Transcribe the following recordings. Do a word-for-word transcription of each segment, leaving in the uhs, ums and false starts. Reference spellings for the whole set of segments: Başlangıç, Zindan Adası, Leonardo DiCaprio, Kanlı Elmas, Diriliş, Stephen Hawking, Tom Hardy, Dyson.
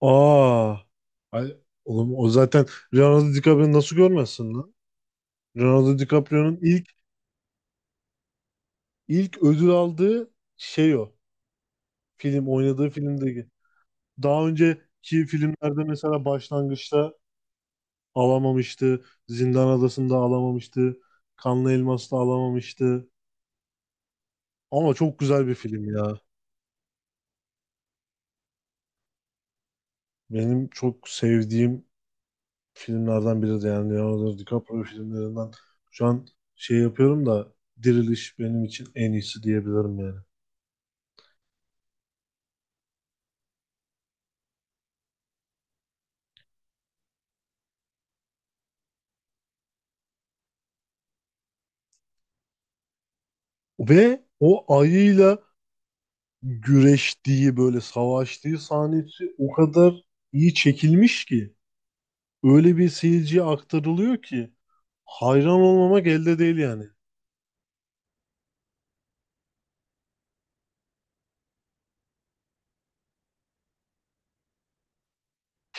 Aa, ay, oğlum o zaten Leonardo DiCaprio'yu nasıl görmezsin lan? Leonardo DiCaprio'nun ilk ilk ödül aldığı şey o. Film oynadığı filmdeki. Daha önceki filmlerde mesela Başlangıç'ta alamamıştı. Zindan Adası'nda alamamıştı. Kanlı Elmas'ta alamamıştı. Ama çok güzel bir film ya. Benim çok sevdiğim filmlerden biri de yani Leonardo DiCaprio filmlerinden. Şu an şey yapıyorum da Diriliş benim için en iyisi diyebilirim yani. Ve o ayıyla güreştiği böyle savaştığı sahnesi o kadar iyi çekilmiş ki öyle bir seyirciye aktarılıyor ki hayran olmamak elde değil yani.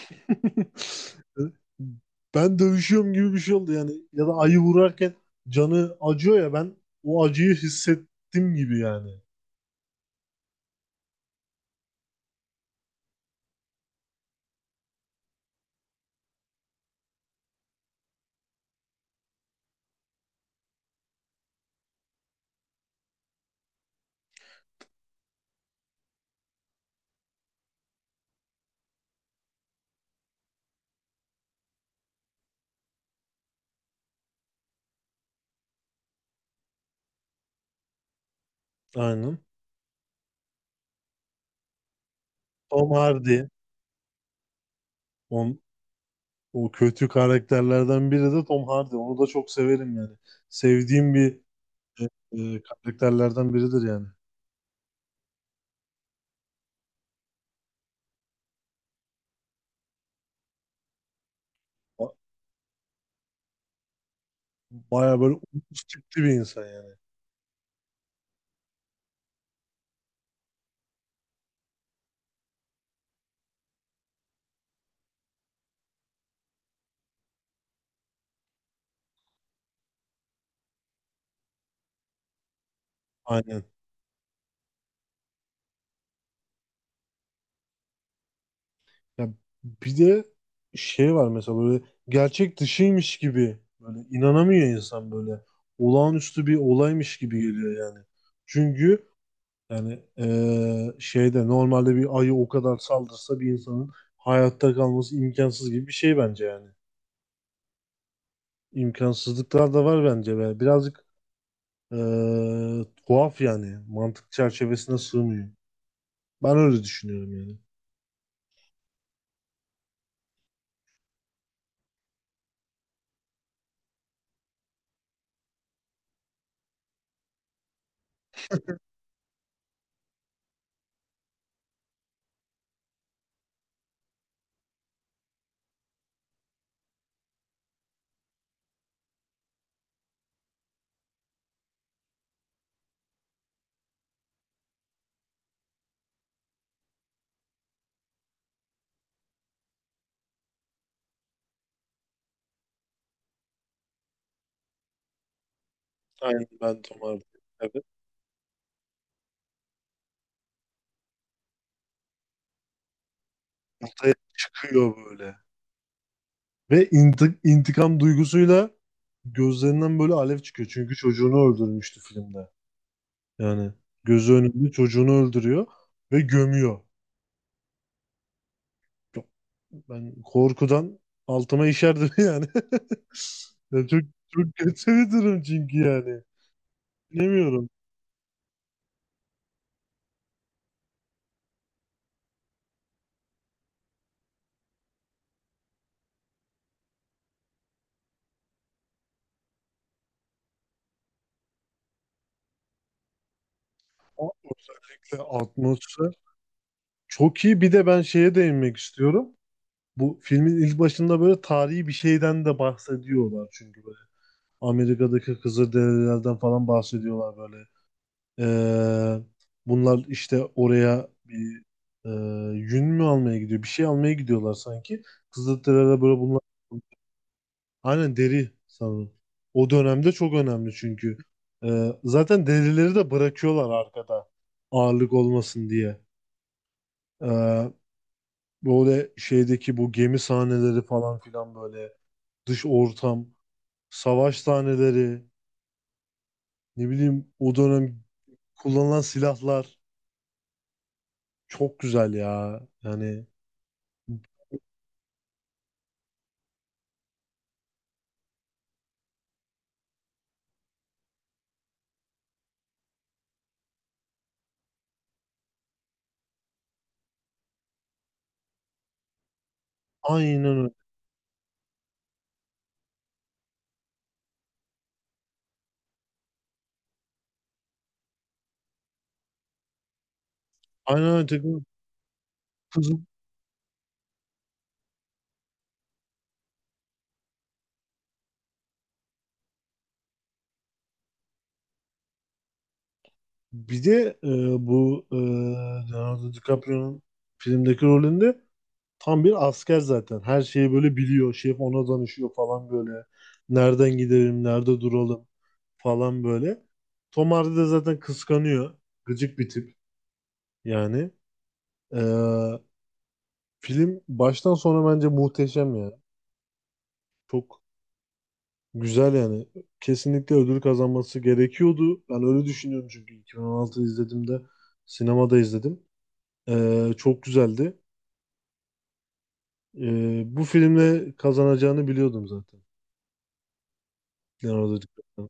Ben dövüşüyorum gibi bir şey oldu yani ya da ayı vurarken canı acıyor ya ben o acıyı hissettim gibi yani. Aynen. Tom Hardy, on, o kötü karakterlerden biri de Tom Hardy. Onu da çok severim yani. Sevdiğim bir e, e, karakterlerden biridir yani. Ba- Bayağı böyle uç tipli bir insan yani. Aynen. Ya bir de şey var mesela böyle gerçek dışıymış gibi böyle inanamıyor insan böyle. Olağanüstü bir olaymış gibi geliyor yani. Çünkü yani e, şeyde normalde bir ayı o kadar saldırsa bir insanın hayatta kalması imkansız gibi bir şey bence yani. İmkansızlıklar da var bence be. Birazcık e, tuhaf yani. Mantık çerçevesine sığmıyor. Ben öyle düşünüyorum yani. Aynen ben Tom Hardy. Evet. Ortaya çıkıyor böyle. Ve inti- intikam duygusuyla gözlerinden böyle alev çıkıyor. Çünkü çocuğunu öldürmüştü filmde. Yani gözü önünde çocuğunu öldürüyor ve gömüyor. Çok- Ben korkudan altıma işerdim yani. Ya çok çok kötü bir durum çünkü yani. Bilemiyorum. O- Özellikle atmosfer çok iyi. Bir de ben şeye değinmek istiyorum. Bu filmin ilk başında böyle tarihi bir şeyden de bahsediyorlar çünkü böyle. Amerika'daki Kızılderililerden falan bahsediyorlar böyle. Ee, Bunlar işte oraya bir e, yün mü almaya gidiyor? Bir şey almaya gidiyorlar sanki. Kızılderililer böyle bunlar aynen deri sanırım. O dönemde çok önemli çünkü. Ee, zaten derileri de bırakıyorlar arkada ağırlık olmasın diye. Ee, Böyle şeydeki bu gemi sahneleri falan filan böyle dış ortam, savaş sahneleri, ne bileyim o dönem kullanılan silahlar çok güzel ya. Yani aynen öyle. Aynen öyle. Tekno- Kızım. Bir de e, bu e, Leonardo DiCaprio'nun filmdeki rolünde tam bir asker zaten. Her şeyi böyle biliyor. Şef ona danışıyor falan böyle. Nereden gidelim, nerede duralım falan böyle. Tom Hardy de zaten kıskanıyor. Gıcık bir tip yani. E, Film baştan sona bence muhteşem ya. Çok güzel yani. Kesinlikle ödül kazanması gerekiyordu. Ben öyle düşünüyorum çünkü iki bin on altı izlediğimde sinemada izledim. Ee, çok güzeldi. Ee, bu filmle kazanacağını biliyordum zaten. Leonardo DiCaprio.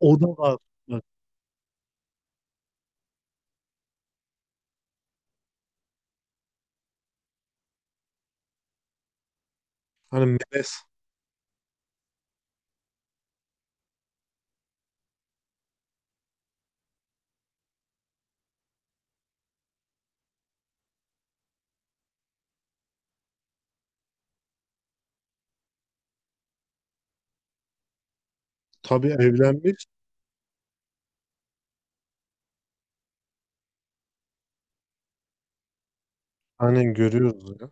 O da var. Bak, hani Meles, tabii evlenmiş. Aynen görüyoruz ya.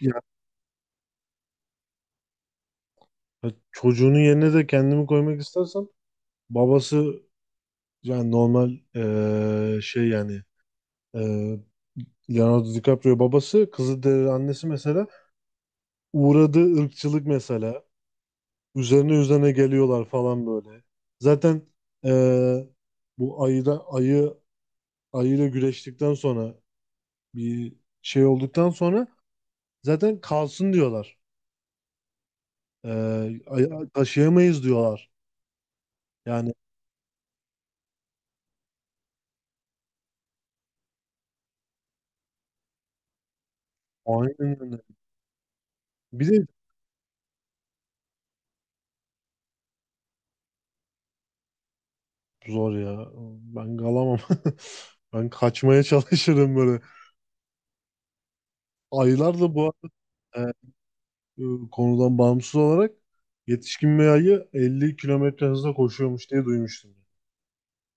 Yani çocuğunun yerine de kendimi koymak istersem babası yani normal ee, şey yani. Ee, Leonardo DiCaprio babası, Kızılderili annesi mesela uğradığı ırkçılık mesela üzerine üzerine geliyorlar falan böyle. Zaten eee, bu ayıda ayı ayıyla güreştikten sonra bir şey olduktan sonra zaten kalsın diyorlar. Eee, ay- taşıyamayız diyorlar. Yani aynen öyle. Bir de zor ya. Ben kalamam. Ben kaçmaya çalışırım böyle. Ayılar da bu arada e, e, konudan bağımsız olarak yetişkin bir ayı elli kilometre hızla koşuyormuş diye duymuştum.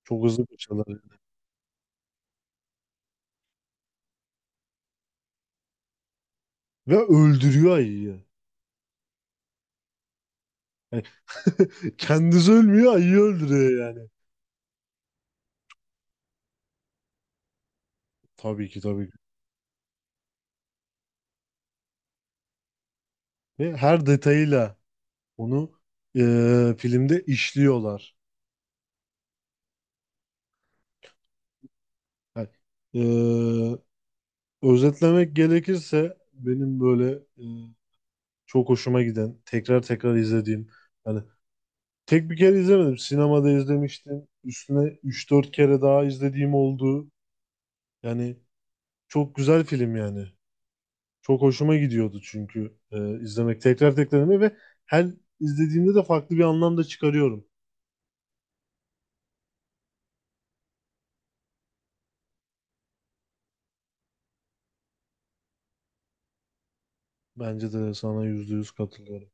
Çok hızlı koşuyorlar yani. Ve öldürüyor ayıyı. Yani kendisi ölmüyor, ayıyı öldürüyor yani. Tabii ki, tabii ki. Ve her detayıyla onu e, filmde işliyorlar. Yani, e, özetlemek gerekirse benim böyle e, çok hoşuma giden, tekrar tekrar izlediğim yani tek bir kere izlemedim. Sinemada izlemiştim. Üstüne üç dört kere daha izlediğim oldu. Yani çok güzel film yani. Çok hoşuma gidiyordu çünkü e, izlemek, tekrar tekrar izlemek ve her izlediğimde de farklı bir anlam da çıkarıyorum. Bence de sana yüzde yüz katılıyorum.